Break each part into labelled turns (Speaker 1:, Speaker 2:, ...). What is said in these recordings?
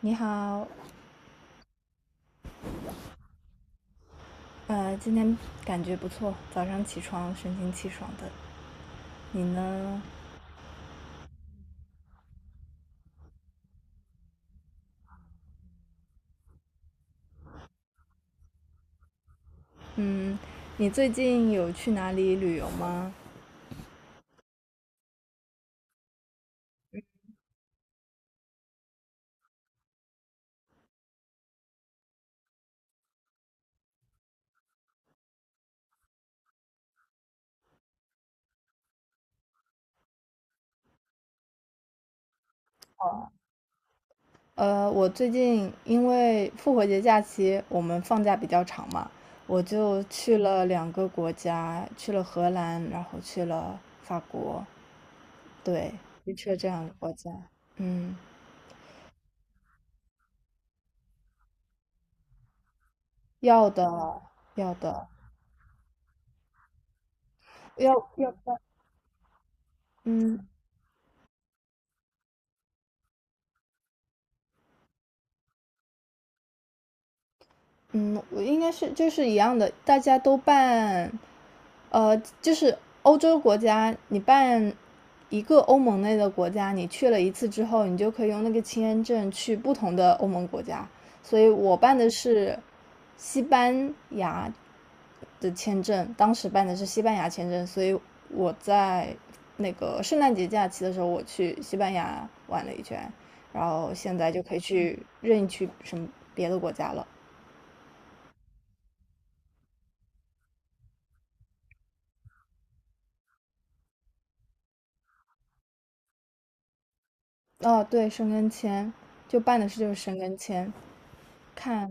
Speaker 1: 你好，今天感觉不错，早上起床神清气爽的。你呢？嗯，你最近有去哪里旅游吗？我最近因为复活节假期我们放假比较长嘛，我就去了两个国家，去了荷兰，然后去了法国，对，就去了这两个国家。嗯，要的，要的。要要不然。嗯，嗯，我应该是就是一样的，大家都办，呃，就是欧洲国家，你办一个欧盟内的国家，你去了一次之后，你就可以用那个签证去不同的欧盟国家。所以我办的是西班牙的签证，当时办的是西班牙签证，所以我在那个圣诞节假期的时候，我去西班牙玩了一圈，然后现在就可以去任意去什么别的国家了。哦，对，申根签就办的事就是申根签，看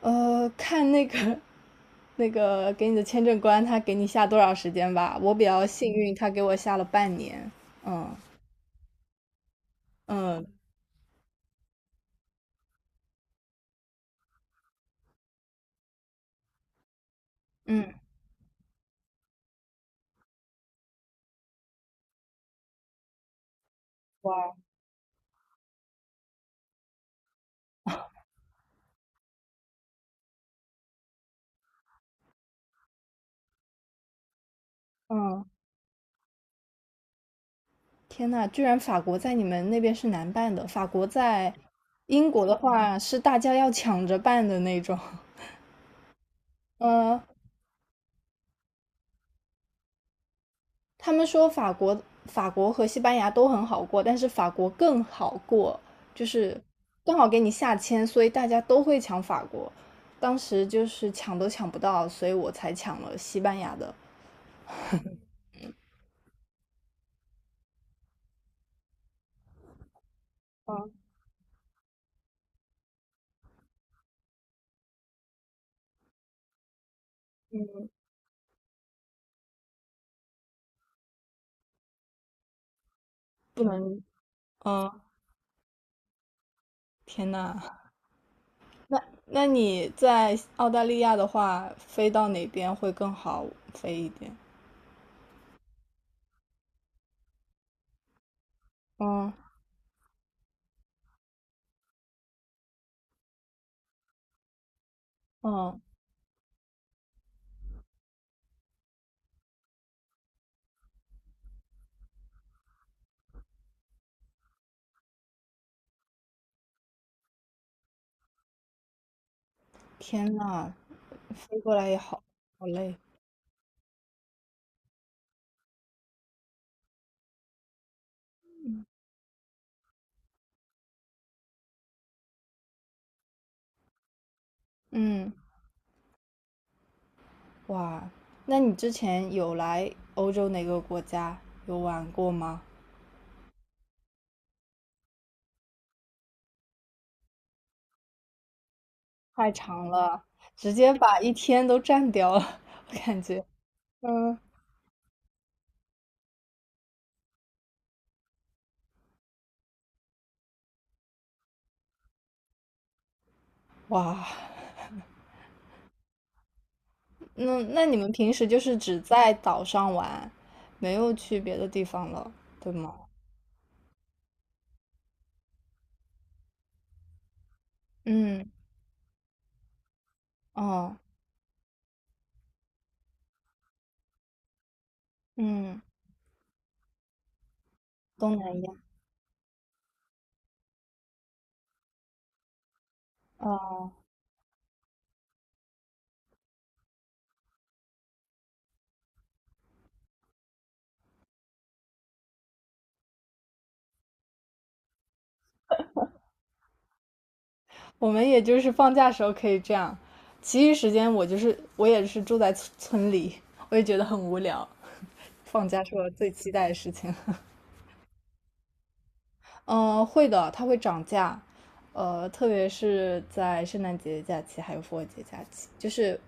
Speaker 1: 看那个 那个给你的签证官他给你下多少时间吧。我比较幸运，他给我下了半年。嗯嗯嗯，哇，嗯，天呐，居然法国在你们那边是难办的。法国在英国的话是大家要抢着办的那种。嗯，他们说法国和西班牙都很好过，但是法国更好过，就是刚好给你下签，所以大家都会抢法国。当时就是抢都抢不到，所以我才抢了西班牙的。嗯，不能。嗯，天呐，那那你在澳大利亚的话，飞到哪边会更好飞一点？嗯嗯，天呐，飞过来也好好累。嗯，哇，那你之前有来欧洲哪个国家有玩过吗？太长了，直接把一天都占掉了，我感觉 嗯，哇，那你们平时就是只在岛上玩，没有去别的地方了，对吗？嗯，哦，嗯，东南亚，哦，我们也就是放假时候可以这样，其余时间我就是我也是住在村里，我也觉得很无聊，放假是我最期待的事情。嗯，会的，它会涨价，特别是在圣诞节假期还有复活节假期，就是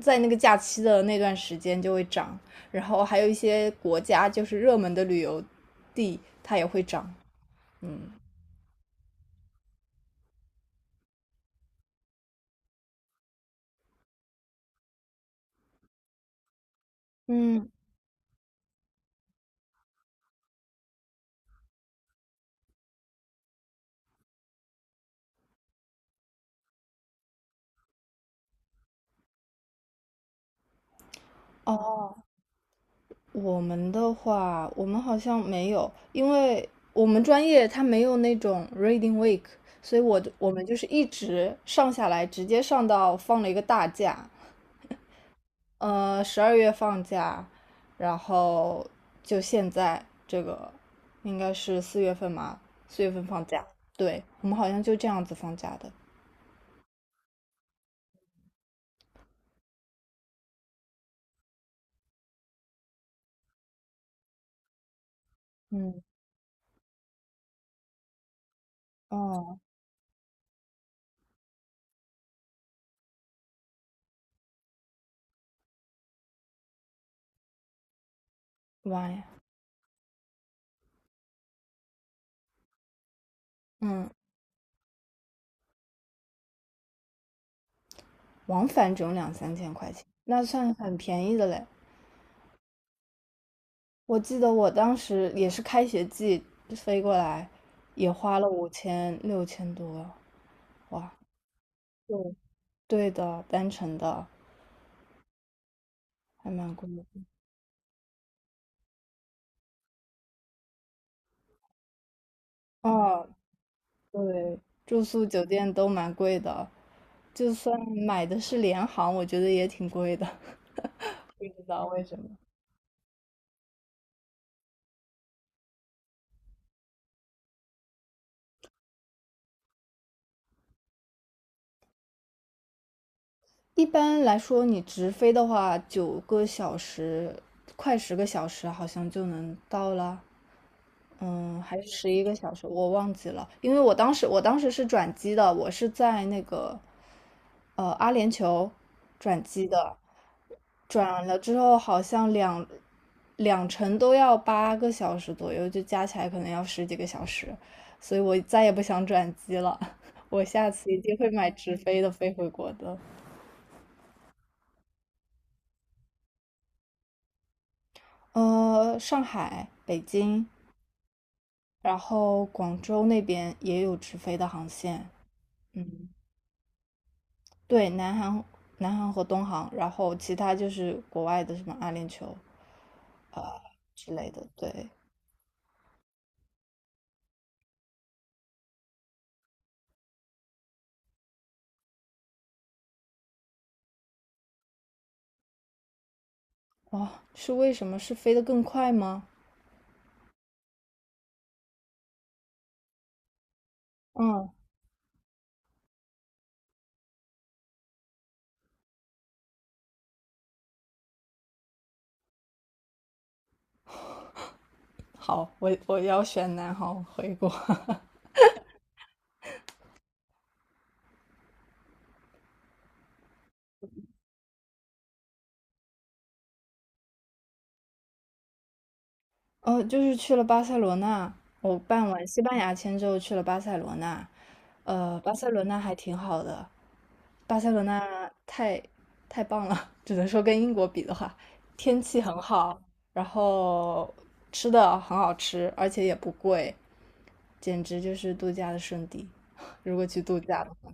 Speaker 1: 在那个假期的那段时间就会涨，然后还有一些国家就是热门的旅游地，它也会涨。嗯嗯，我们的话，我们好像没有，因为我们专业它没有那种 reading week，所以我们就是一直上下来，直接上到放了一个大假，十二月放假，然后就现在这个应该是四月份嘛，四月份放假。对，我们好像就这样子放假的。嗯，哦，妈呀。嗯，往返只有两三千块钱，那算很便宜的嘞。我记得我当时也是开学季飞过来，也花了五千六千多，哇，对，对的，单程的还蛮贵的。哦，对，住宿酒店都蛮贵的，就算买的是联航，我觉得也挺贵的，不知道为什么。一般来说，你直飞的话，9个小时，快10个小时，好像就能到了。嗯，还是11个小时，我忘记了，因为我当时是转机的，我是在那个阿联酋转机的，转了之后好像两程都要8个小时左右，就加起来可能要十几个小时，所以我再也不想转机了，我下次一定会买直飞的飞回国的。上海、北京，然后广州那边也有直飞的航线，嗯。对，南航和东航，然后其他就是国外的什么阿联酋啊、呃之类的。对，哇、哦，是为什么？是飞得更快吗？嗯，好，我要选南航回国。哦，就是去了巴塞罗那，我办完西班牙签之后去了巴塞罗那，巴塞罗那还挺好的，巴塞罗那太棒了，只能说跟英国比的话，天气很好，然后吃的很好吃，而且也不贵，简直就是度假的圣地。如果去度假的话，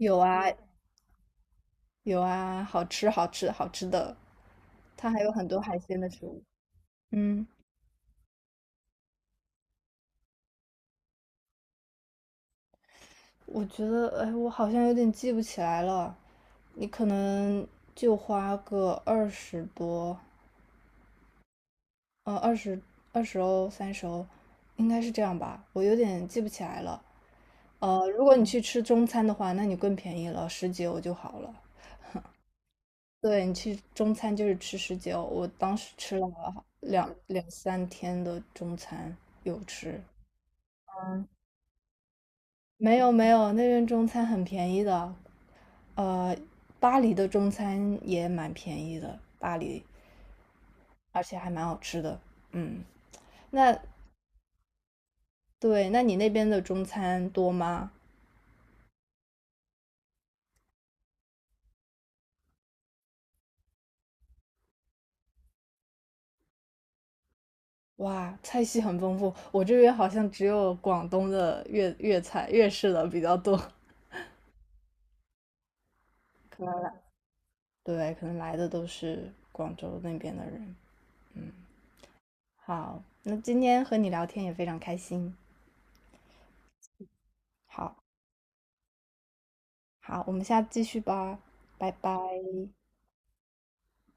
Speaker 1: 有啊有啊，好吃好吃好吃的，它还有很多海鲜的食物。嗯，我觉得，哎，我好像有点记不起来了。你可能就花个二十多，呃，二十二十欧30欧，应该是这样吧？我有点记不起来了。如果你去吃中餐的话，那你更便宜了，十几欧就好了。对你去中餐就是吃十九，我当时吃了两三天的中餐，有吃。没有没有，那边中餐很便宜的，呃，巴黎的中餐也蛮便宜的，巴黎，而且还蛮好吃的。嗯，那对，那你那边的中餐多吗？哇，菜系很丰富，我这边好像只有广东的粤菜、粤式的比较多，可能来对，可能来的都是广州那边的人。嗯，好，那今天和你聊天也非常开心。好，好，我们下次继续吧，拜拜。